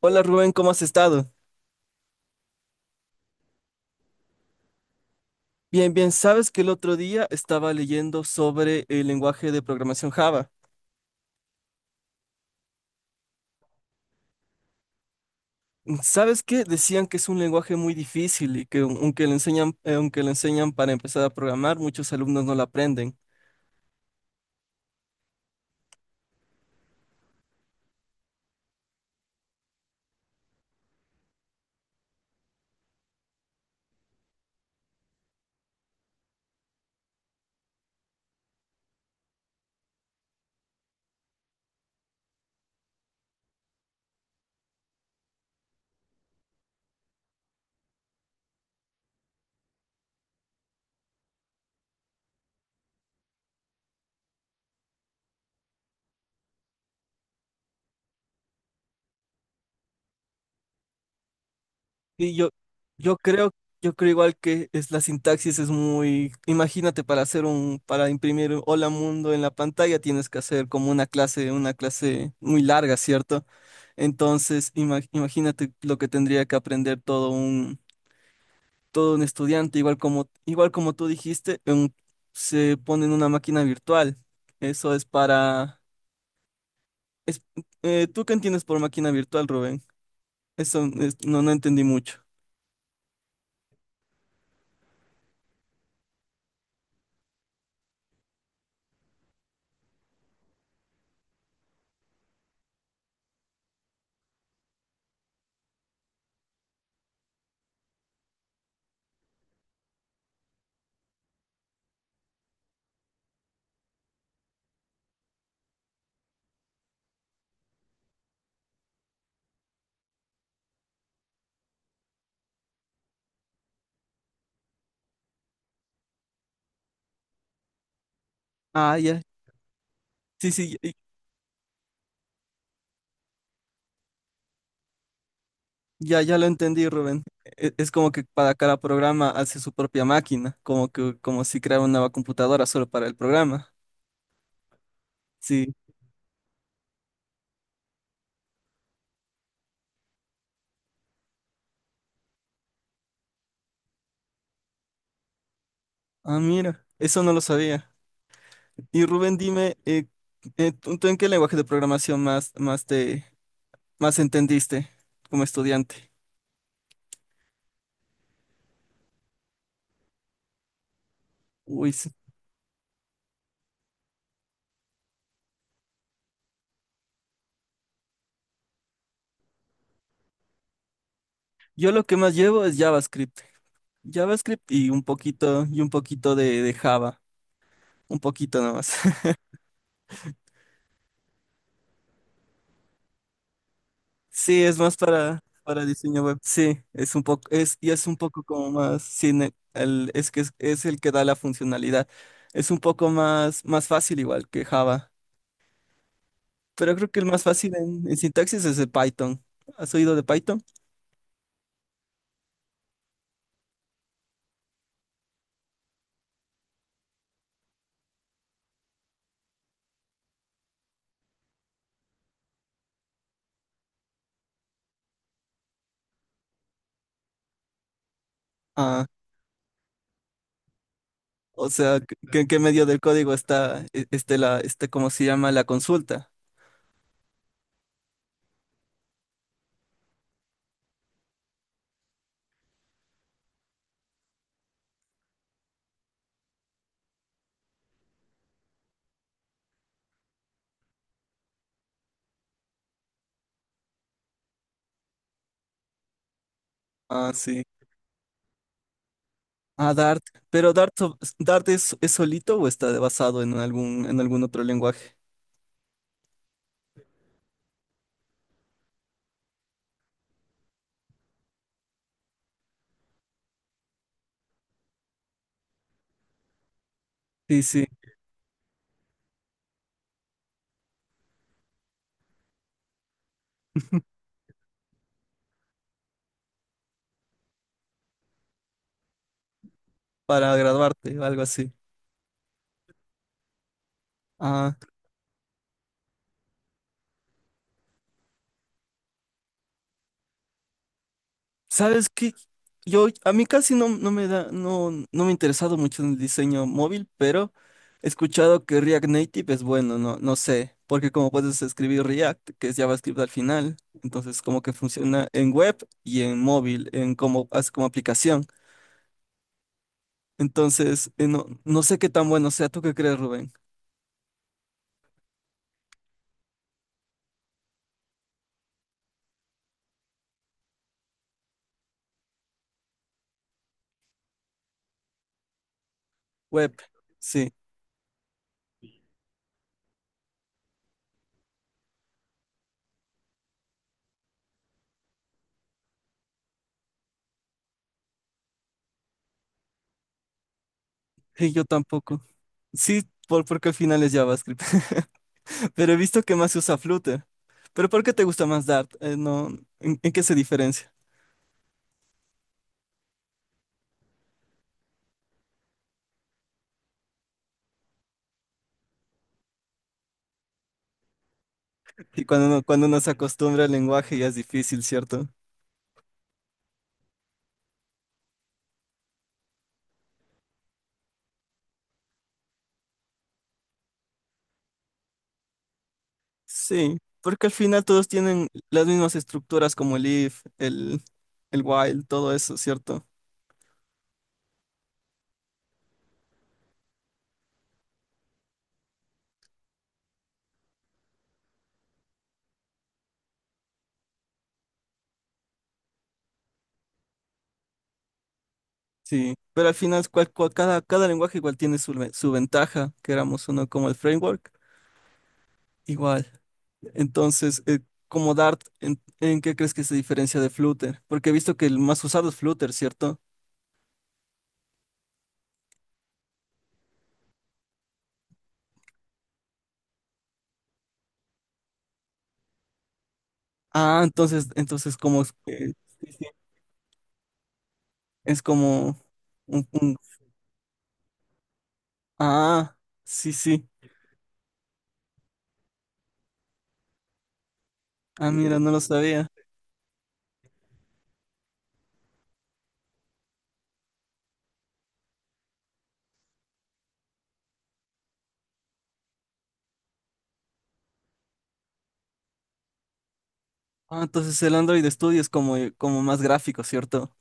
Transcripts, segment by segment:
Hola Rubén, ¿cómo has estado? Bien, bien, sabes que el otro día estaba leyendo sobre el lenguaje de programación Java. ¿Sabes qué? Decían que es un lenguaje muy difícil y que aunque le enseñan para empezar a programar, muchos alumnos no lo aprenden. Y yo, yo creo, yo creo igual que es, la sintaxis es muy, imagínate, para hacer un, para imprimir un Hola Mundo en la pantalla tienes que hacer como una clase muy larga, ¿cierto? Entonces, imagínate lo que tendría que aprender todo un estudiante, igual como tú dijiste, se pone en una máquina virtual. Eso es para... es- ¿tú qué entiendes por máquina virtual, Rubén? No, no entendí mucho. Ah, ya. Sí, sí, ya, ya lo entendí, Rubén. Es, como que para cada programa hace su propia máquina, como que, como si creara una nueva computadora solo para el programa. Sí. Ah, mira, eso no lo sabía. Y Rubén, dime, ¿tú, tú en qué lenguaje de programación más, más te, más entendiste como estudiante? Uy, sí. Yo lo que más llevo es JavaScript. JavaScript y un poquito de Java. Un poquito nomás. Sí, es más para diseño web. Sí, es un poco, es, y es un poco como más, sí, el, es que es el que da la funcionalidad. Es un poco más, más fácil igual que Java. Pero creo que el más fácil en sintaxis es el Python. ¿Has oído de Python? Ah, o sea, ¿en qué, medio del código está, este, la, este, cómo se llama, la consulta? Ah, sí. Ah, Dart. Pero Dart, Dart es, ¿es solito o está basado en algún otro lenguaje? Sí, sí, para graduarte, o algo así. Ah. ¿Sabes qué? Yo, a mí casi no, no me da, no, no me ha interesado mucho en el diseño móvil, pero he escuchado que React Native es bueno, no, no sé, porque como puedes escribir React, que es JavaScript al final, entonces como que funciona en web y en móvil, en como, como aplicación. Entonces, no, no sé qué tan bueno sea. ¿Tú qué crees, Rubén? Web, sí, sí, yo tampoco. Sí, por, porque al final es JavaScript. Pero he visto que más se usa Flutter. ¿Pero por qué te gusta más Dart? No, en qué se diferencia? Y cuando uno se acostumbra al lenguaje ya es difícil, ¿cierto? Sí, porque al final todos tienen las mismas estructuras como el if, el while, todo eso, ¿cierto? Sí, pero al final cada, cada lenguaje igual tiene su, su ventaja, queramos o no, como el framework, igual. Entonces, como Dart, en qué crees que se diferencia de Flutter? Porque he visto que el más usado es Flutter, ¿cierto? Ah, entonces, sí, sí, es como un, ah, sí, sí. Ah, mira, no lo sabía. Ah, entonces el Android Studio es como, como más gráfico, ¿cierto?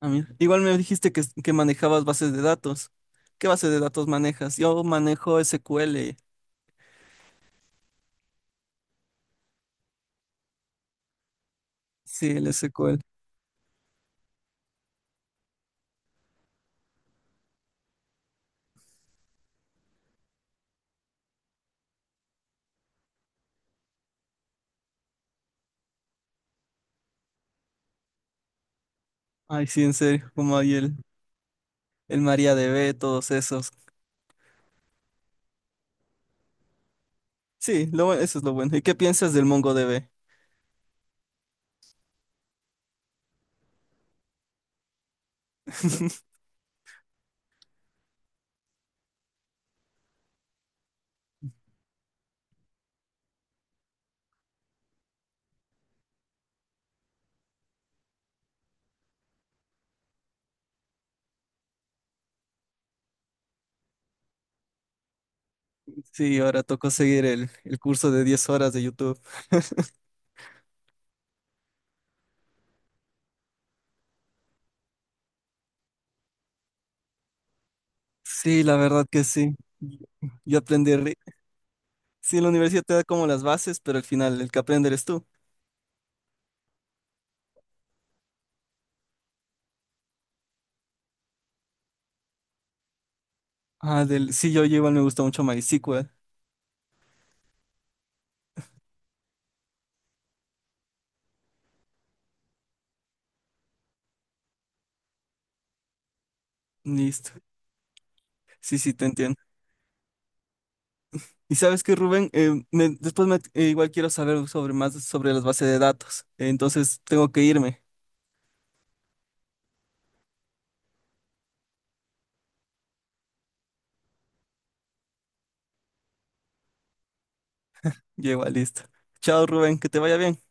Ah, mira. Igual me dijiste que manejabas bases de datos. ¿Qué base de datos manejas? Yo manejo SQL. Sí, el SQL. Ay, sí, en serio, como ahí el MariaDB, todos esos. Sí, lo, eso es lo bueno. ¿Y qué piensas del MongoDB? Sí, ahora tocó seguir el curso de 10 horas de YouTube. Sí, la verdad que sí. Yo aprendí. Sí, la universidad te da como las bases, pero al final el que aprende eres tú. Ah, del... sí, yo igual me gusta mucho MySQL. Listo. Sí, sí, te entiendo. Y sabes que, Rubén, después me... igual quiero saber sobre más sobre las bases de datos. Entonces tengo que irme. Ya igual, listo. Chao, Rubén, que te vaya bien.